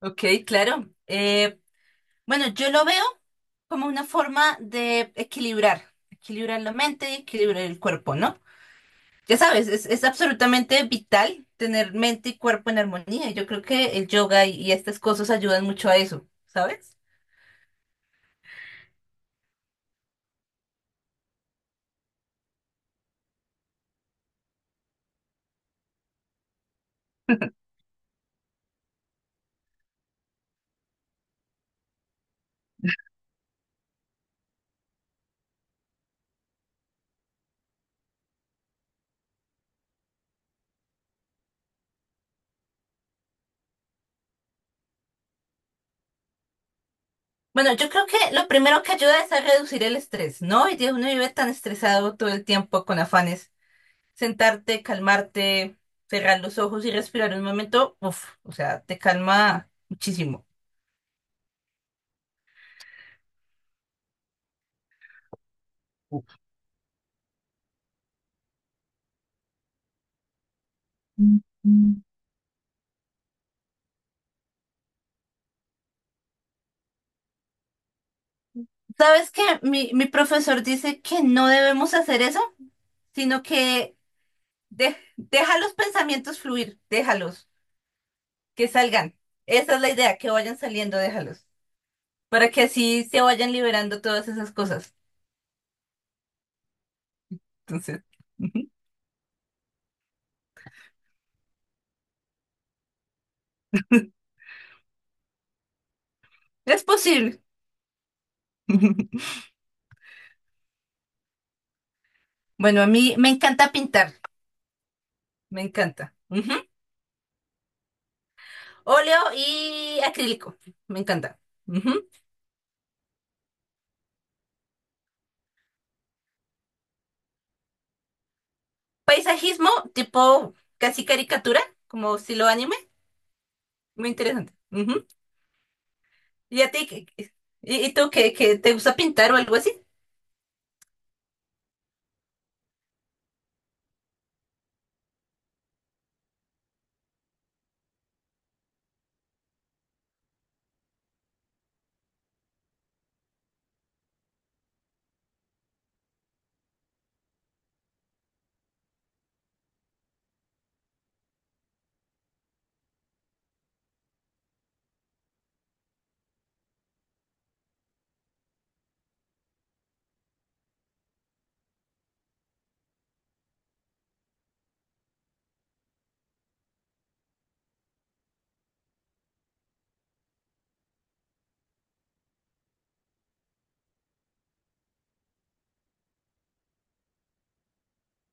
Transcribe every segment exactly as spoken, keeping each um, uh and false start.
Ok, claro. Eh, bueno, yo lo veo como una forma de equilibrar, equilibrar la mente y equilibrar el cuerpo, ¿no? Ya sabes, es, es absolutamente vital tener mente y cuerpo en armonía. Yo creo que el yoga y, y estas cosas ayudan mucho a eso, ¿sabes? Bueno, yo creo que lo primero que ayuda es a reducir el estrés, ¿no? Hoy día uno vive tan estresado todo el tiempo con afanes. Sentarte, calmarte, cerrar los ojos y respirar un momento, uff, o sea, te calma muchísimo. ¿Sabes qué? Mi, mi profesor dice que no debemos hacer eso, sino que de- deja los pensamientos fluir, déjalos, que salgan. Esa es la idea, que vayan saliendo, déjalos, para que así se vayan liberando todas esas cosas. Entonces, es posible. Bueno, a mí me encanta pintar, me encanta. Ujú. Óleo y acrílico, me encanta. Ujú. Paisajismo tipo casi caricatura, como estilo anime, muy interesante. Ujú. ¿Y a ti? qué- qué- ¿Y, y tú que, te gusta pintar o algo así?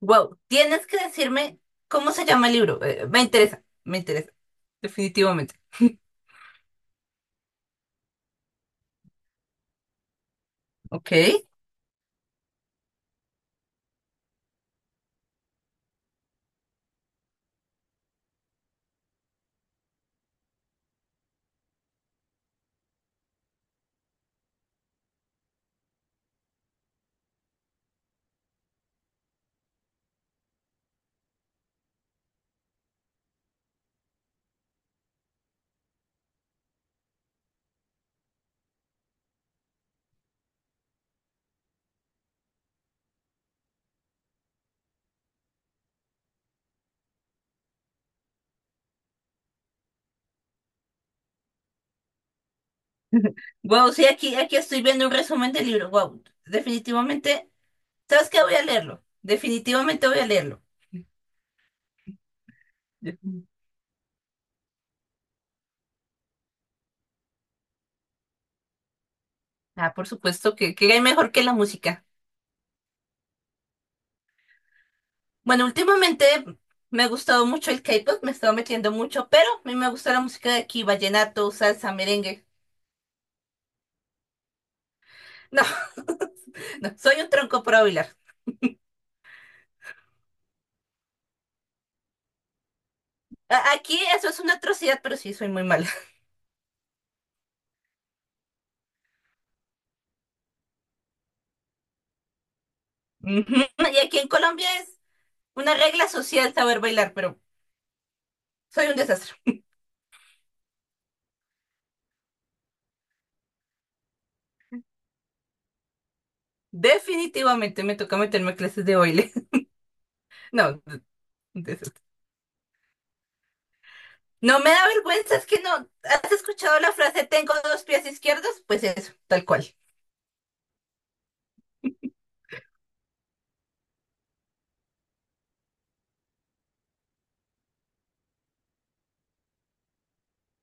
Wow, tienes que decirme cómo se llama el libro. eh, me interesa, me interesa, definitivamente. Ok. Wow, sí, aquí, aquí estoy viendo un resumen del libro. Wow, definitivamente. ¿Sabes qué? Voy a leerlo. Definitivamente voy a leerlo. Ah, por supuesto que, que hay mejor que la música. Bueno, últimamente me ha gustado mucho el K-pop, me he estado metiendo mucho, pero a mí me gusta la música de aquí, vallenato, salsa, merengue. No, no, soy un tronco para bailar. A- Aquí eso es una atrocidad, pero sí soy muy mala. Ujú. Y aquí en Colombia es una regla social saber bailar, pero soy un desastre. Definitivamente me toca meterme a clases de baile. No, un desastre. No me da vergüenza, es que no. ¿Has escuchado la frase tengo dos pies izquierdos? Pues eso, tal cual.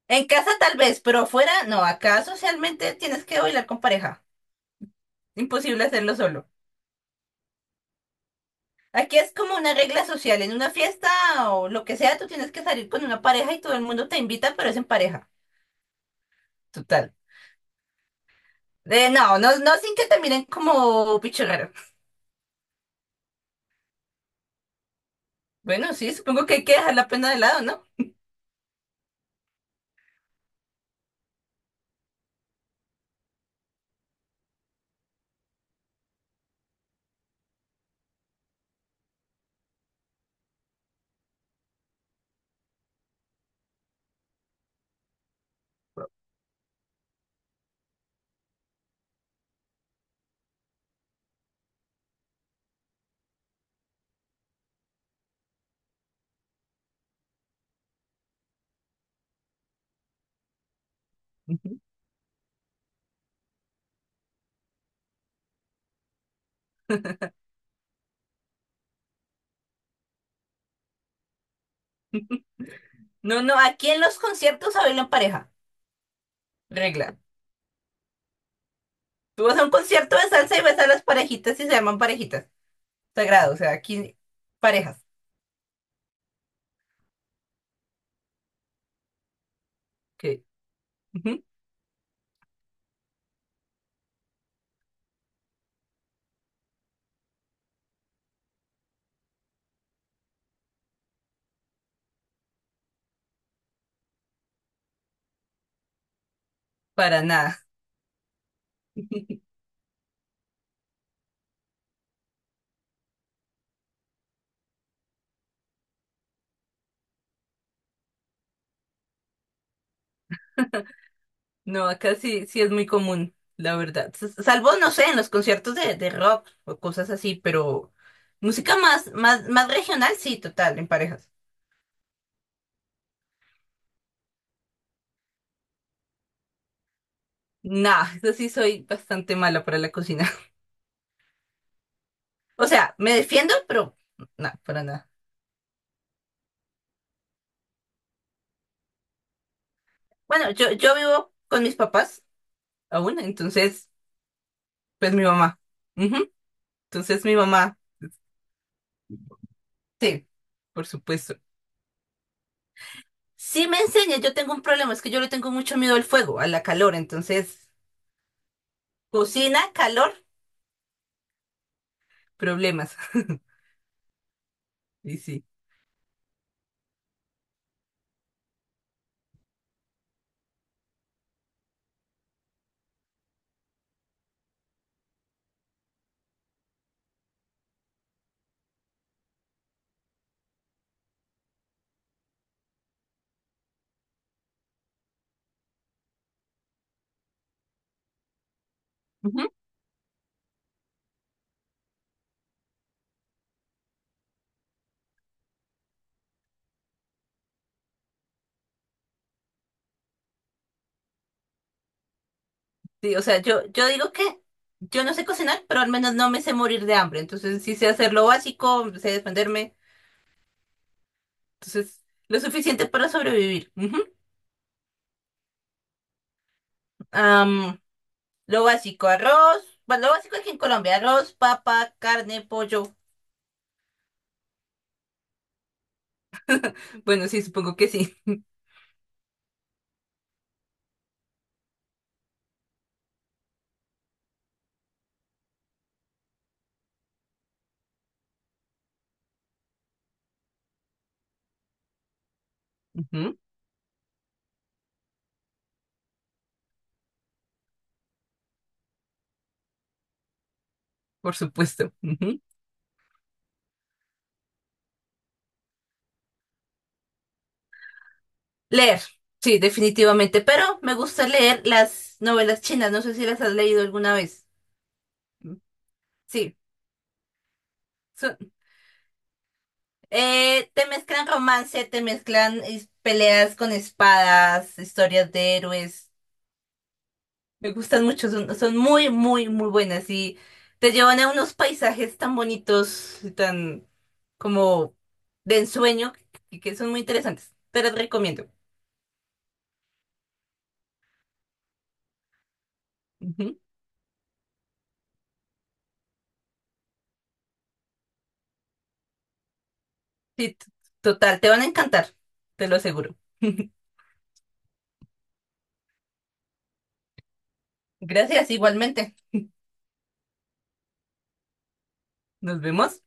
En casa tal vez, pero afuera no. Acá socialmente tienes que bailar con pareja. Imposible hacerlo solo. Aquí es como una regla social. En una fiesta o lo que sea, tú tienes que salir con una pareja y todo el mundo te invita, pero es en pareja. Total. Eh, no, no, no sin que te miren como bicho raro. Bueno, sí, supongo que hay que dejar la pena de lado, ¿no? Ujú. No, no, aquí en los conciertos se baila en pareja. Regla. Tú vas a un concierto de salsa y ves a las parejitas y se llaman parejitas. Sagrado, o sea, aquí parejas. Que Para nada. No, acá sí, sí es muy común, la verdad. S- Salvo, no sé, en los conciertos de, de rock o cosas así, pero música más, más, más regional, sí, total, en parejas. Nah, eso sí soy bastante mala para la cocina. O sea, me defiendo, pero no, para nada. Bueno, yo, yo vivo con mis papás aún, entonces, pues mi mamá. Ujú. Entonces mi mamá, sí, por supuesto. Sí me enseña, yo tengo un problema, es que yo le tengo mucho miedo al fuego, a la calor, entonces, cocina, calor. Problemas. Y sí. Ujú. Sí, o sea, yo, yo digo que yo no sé cocinar, pero al menos no me sé morir de hambre. Entonces, sí sé hacer lo básico, sé defenderme. Entonces, lo suficiente para sobrevivir. Ujú. Am, lo básico, arroz. Bueno, lo básico aquí en Colombia, arroz, papa, carne, pollo. Bueno, sí, supongo que sí. Ujú. Por supuesto. Ujú. Leer. Sí, definitivamente. Pero me gusta leer las novelas chinas. No sé si las has leído alguna vez. Sí. Eh, te mezclan romance, te mezclan is- peleas con espadas, historias de héroes. Me gustan mucho, son, son muy, muy, muy buenas y te llevan a unos paisajes tan bonitos, y tan como de ensueño, que, que son muy interesantes. Te las recomiendo. Ujú. Sí, t- total, te van a encantar, te lo aseguro. Gracias, igualmente. Nos vemos.